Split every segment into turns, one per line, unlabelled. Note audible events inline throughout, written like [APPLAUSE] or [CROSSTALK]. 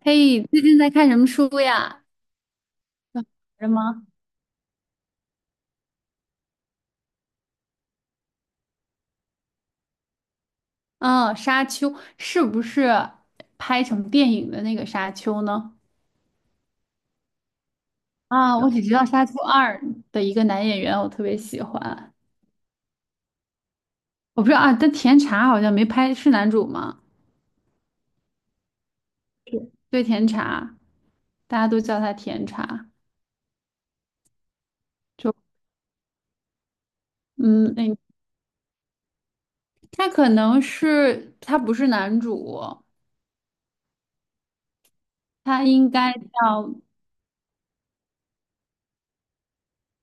嘿，最近在看什么书呀？什么？嗯，《沙丘》是不是拍成电影的那个《沙丘》呢？啊，我只知道《沙丘二》的一个男演员，我特别喜欢。我不知道啊，但甜茶好像没拍，是男主吗？对，甜茶，大家都叫他甜茶。就嗯，那他可能不是男主，他应该叫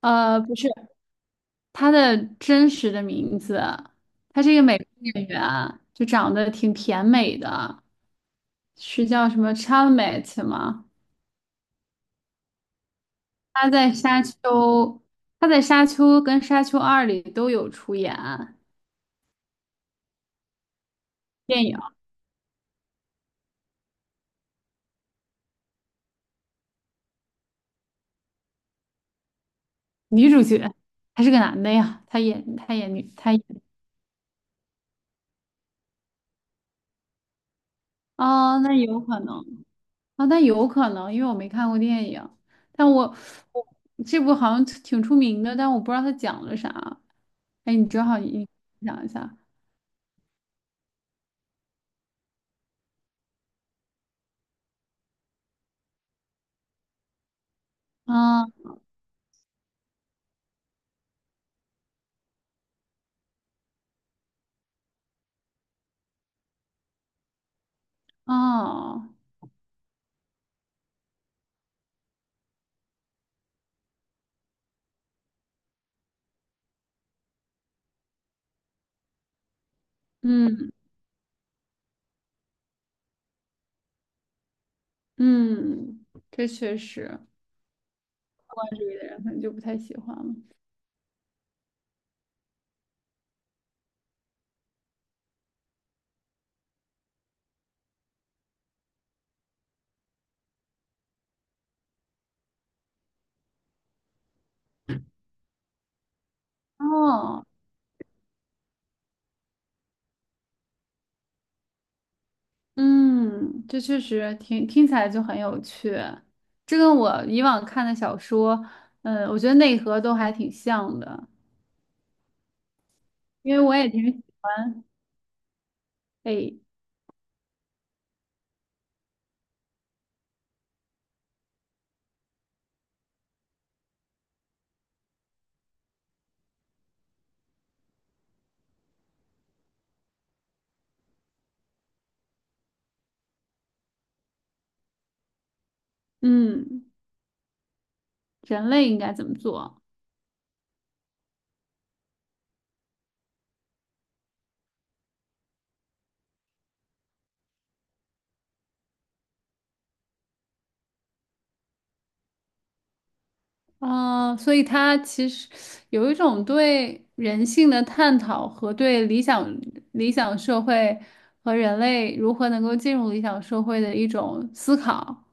不是。他的真实的名字，他是一个美国演员，就长得挺甜美的，是叫什么 Chalamet 吗？他在《沙丘》，他在《沙丘》跟《沙丘二》里都有出演电影女主角，还是个男的呀，他演他演女他演哦，那有可能，因为我没看过电影，但我这部好像挺出名的，但我不知道他讲了啥。哎，你正好讲一下。嗯哦，嗯嗯，这确实，关注的人可能就不太喜欢了。哦，嗯，这确实听起来就很有趣，这跟我以往看的小说，嗯，我觉得内核都还挺像的，因为我也挺，哎，嗯，人类应该怎么做？啊，所以他其实有一种对人性的探讨和对理想社会和人类如何能够进入理想社会的一种思考。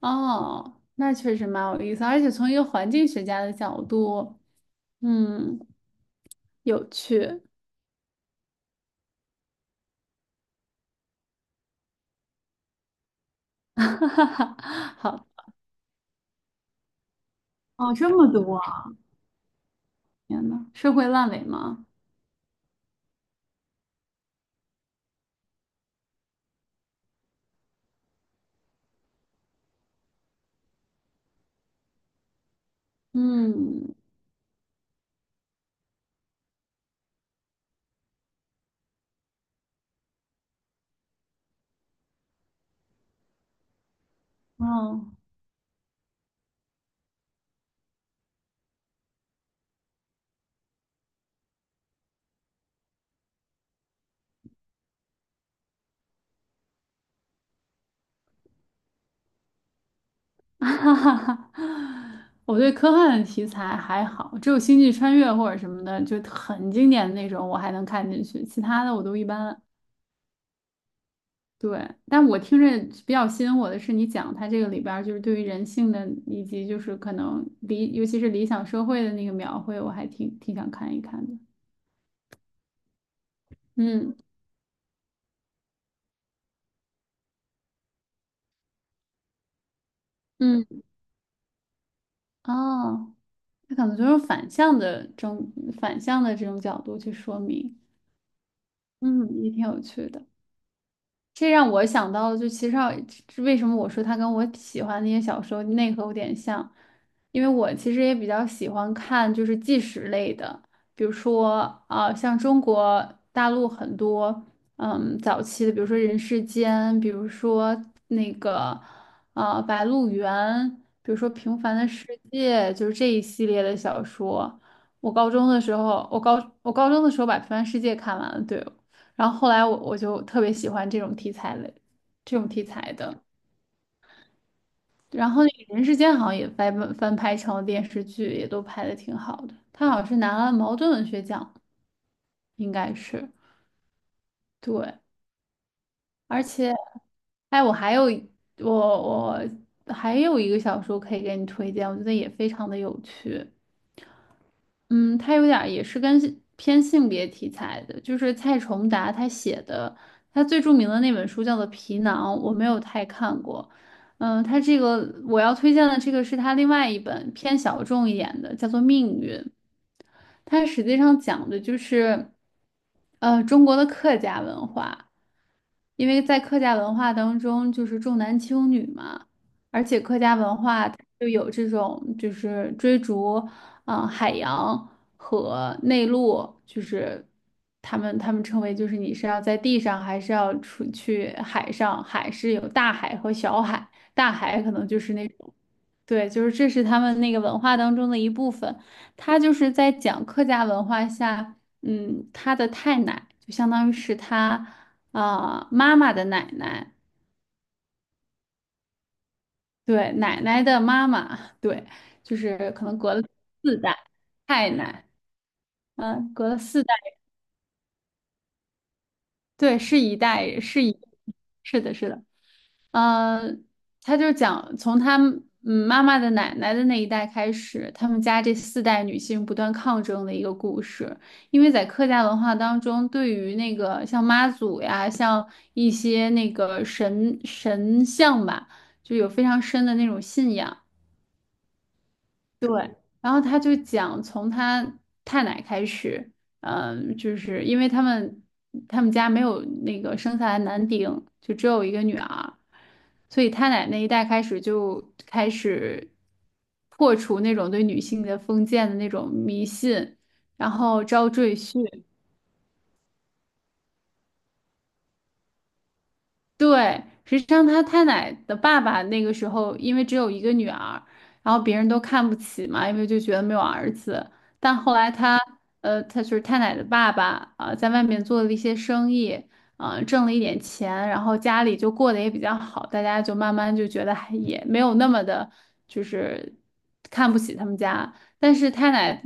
哦，那确实蛮有意思，而且从一个环境学家的角度，嗯，有趣。[LAUGHS] 好，哦，这么多啊，天呐，社会烂尾吗？嗯，哦。[LAUGHS] 哈哈哈，我对科幻的题材还好，只有《星际穿越》或者什么的，就很经典的那种，我还能看进去，其他的我都一般。对，但我听着比较吸引我的是，你讲它这个里边儿就是对于人性的，以及就是可能理，尤其是理想社会的那个描绘，我还挺想看一看的。嗯嗯，哦，它可能就是反向的这种角度去说明，嗯，也挺有趣的。这让我想到了，就其实上为什么我说它跟我喜欢的那些小说内核有点像，因为我其实也比较喜欢看就是纪实类的，比如说像中国大陆很多嗯早期的，比如说《人世间》，比如说那个啊《白鹿原》，比如说《平凡的世界》，就是这一系列的小说。我高中的时候，我高中的时候把《平凡世界》看完了，对，然后后来我就特别喜欢这种题材类，这种题材的。然后那个《人世间》好像也翻拍成了电视剧，也都拍的挺好的。他好像是拿了茅盾文学奖，应该是对。而且，哎，我我还有一个小说可以给你推荐，我觉得也非常的有趣。嗯，他有点儿也是跟性偏性别题材的，就是蔡崇达他写的，他最著名的那本书叫做《皮囊》，我没有太看过。嗯，他这个我要推荐的这个是他另外一本偏小众一点的，叫做《命运》。它实际上讲的就是，呃，中国的客家文化，因为在客家文化当中就是重男轻女嘛，而且客家文化它就有这种就是追逐，海洋和内陆，就是他们称为就是你是要在地上还是要出去海上，海是有大海和小海，大海可能就是那种。对，就是这是他们那个文化当中的一部分。他就是在讲客家文化下，嗯，他的太奶就相当于是他妈妈的奶奶，对，奶奶的妈妈，对，就是可能隔了四代，太奶，嗯，隔了四代，对，是一代，是一，是的，是的。呃，他就讲从他们嗯妈妈的奶奶的那一代开始，他们家这四代女性不断抗争的一个故事。因为在客家文化当中，对于那个像妈祖呀，像一些那个神像吧，就有非常深的那种信仰。对，然后他就讲从他太奶开始，就是因为他们家没有那个生下来男丁，就只有一个女儿，所以太奶那一代开始就开始破除那种对女性的封建的那种迷信，然后招赘婿，对，实际上他太奶的爸爸那个时候，因为只有一个女儿，然后别人都看不起嘛，因为就觉得没有儿子。但后来他，呃，他就是太奶的爸爸啊、在外面做了一些生意，啊、挣了一点钱，然后家里就过得也比较好，大家就慢慢就觉得还也没有那么的，就是看不起他们家。但是太奶，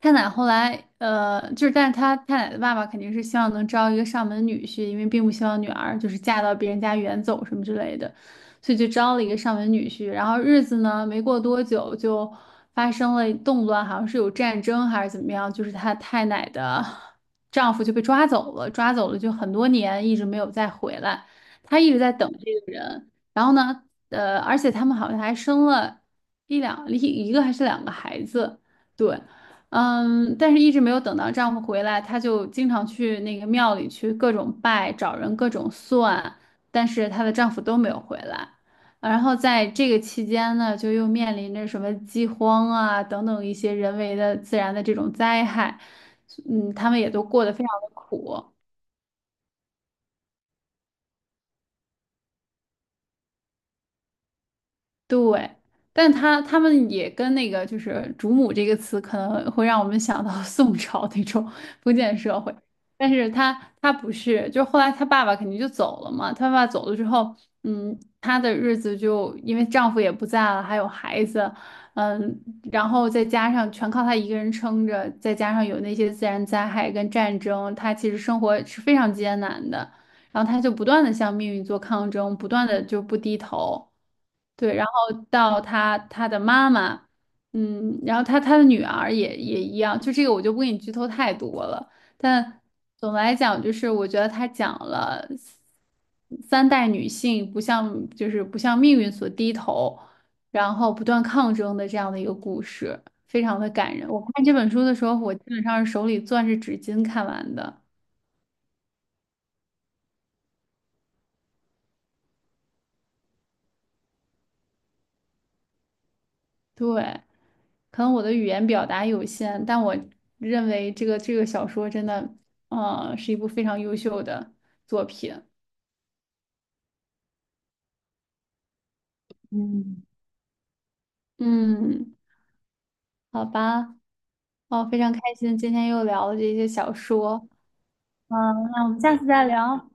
后来呃，就是但是他太奶的爸爸肯定是希望能招一个上门女婿，因为并不希望女儿就是嫁到别人家远走什么之类的，所以就招了一个上门女婿。然后日子呢，没过多久就发生了动乱，好像是有战争还是怎么样，就是他太奶的 [LAUGHS] 丈夫就被抓走了，抓走了就很多年一直没有再回来，他一直在等这个人。然后呢，呃，而且他们好像还生了。一个还是两个孩子，对，嗯，但是一直没有等到丈夫回来，她就经常去那个庙里去各种拜，找人各种算，但是她的丈夫都没有回来。啊然后在这个期间呢，就又面临着什么饥荒啊等等一些人为的自然的这种灾害，嗯，他们也都过得非常的苦。对，但他们也跟那个就是“主母”这个词，可能会让我们想到 [LAUGHS] 宋朝那种封建社会。但是他，不是，就后来他爸爸肯定就走了嘛。他爸爸走了之后，嗯，她的日子就因为丈夫也不在了，还有孩子，嗯，然后再加上全靠她一个人撑着，再加上有那些自然灾害跟战争，她其实生活是非常艰难的。然后他就不断的向命运做抗争，不断的就不低头。对，然后到他，的妈妈，嗯，然后他的女儿也一样，就这个我就不给你剧透太多了。但总的来讲，就是我觉得他讲了三代女性不像就是不向命运所低头，然后不断抗争的这样的一个故事，非常的感人。我看这本书的时候，我基本上是手里攥着纸巾看完的。对，可能我的语言表达有限，但我认为这个小说真的，嗯，是一部非常优秀的作品。嗯，嗯，好吧，哦，非常开心，今天又聊了这些小说。嗯，那我们下次再聊，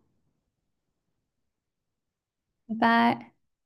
拜拜。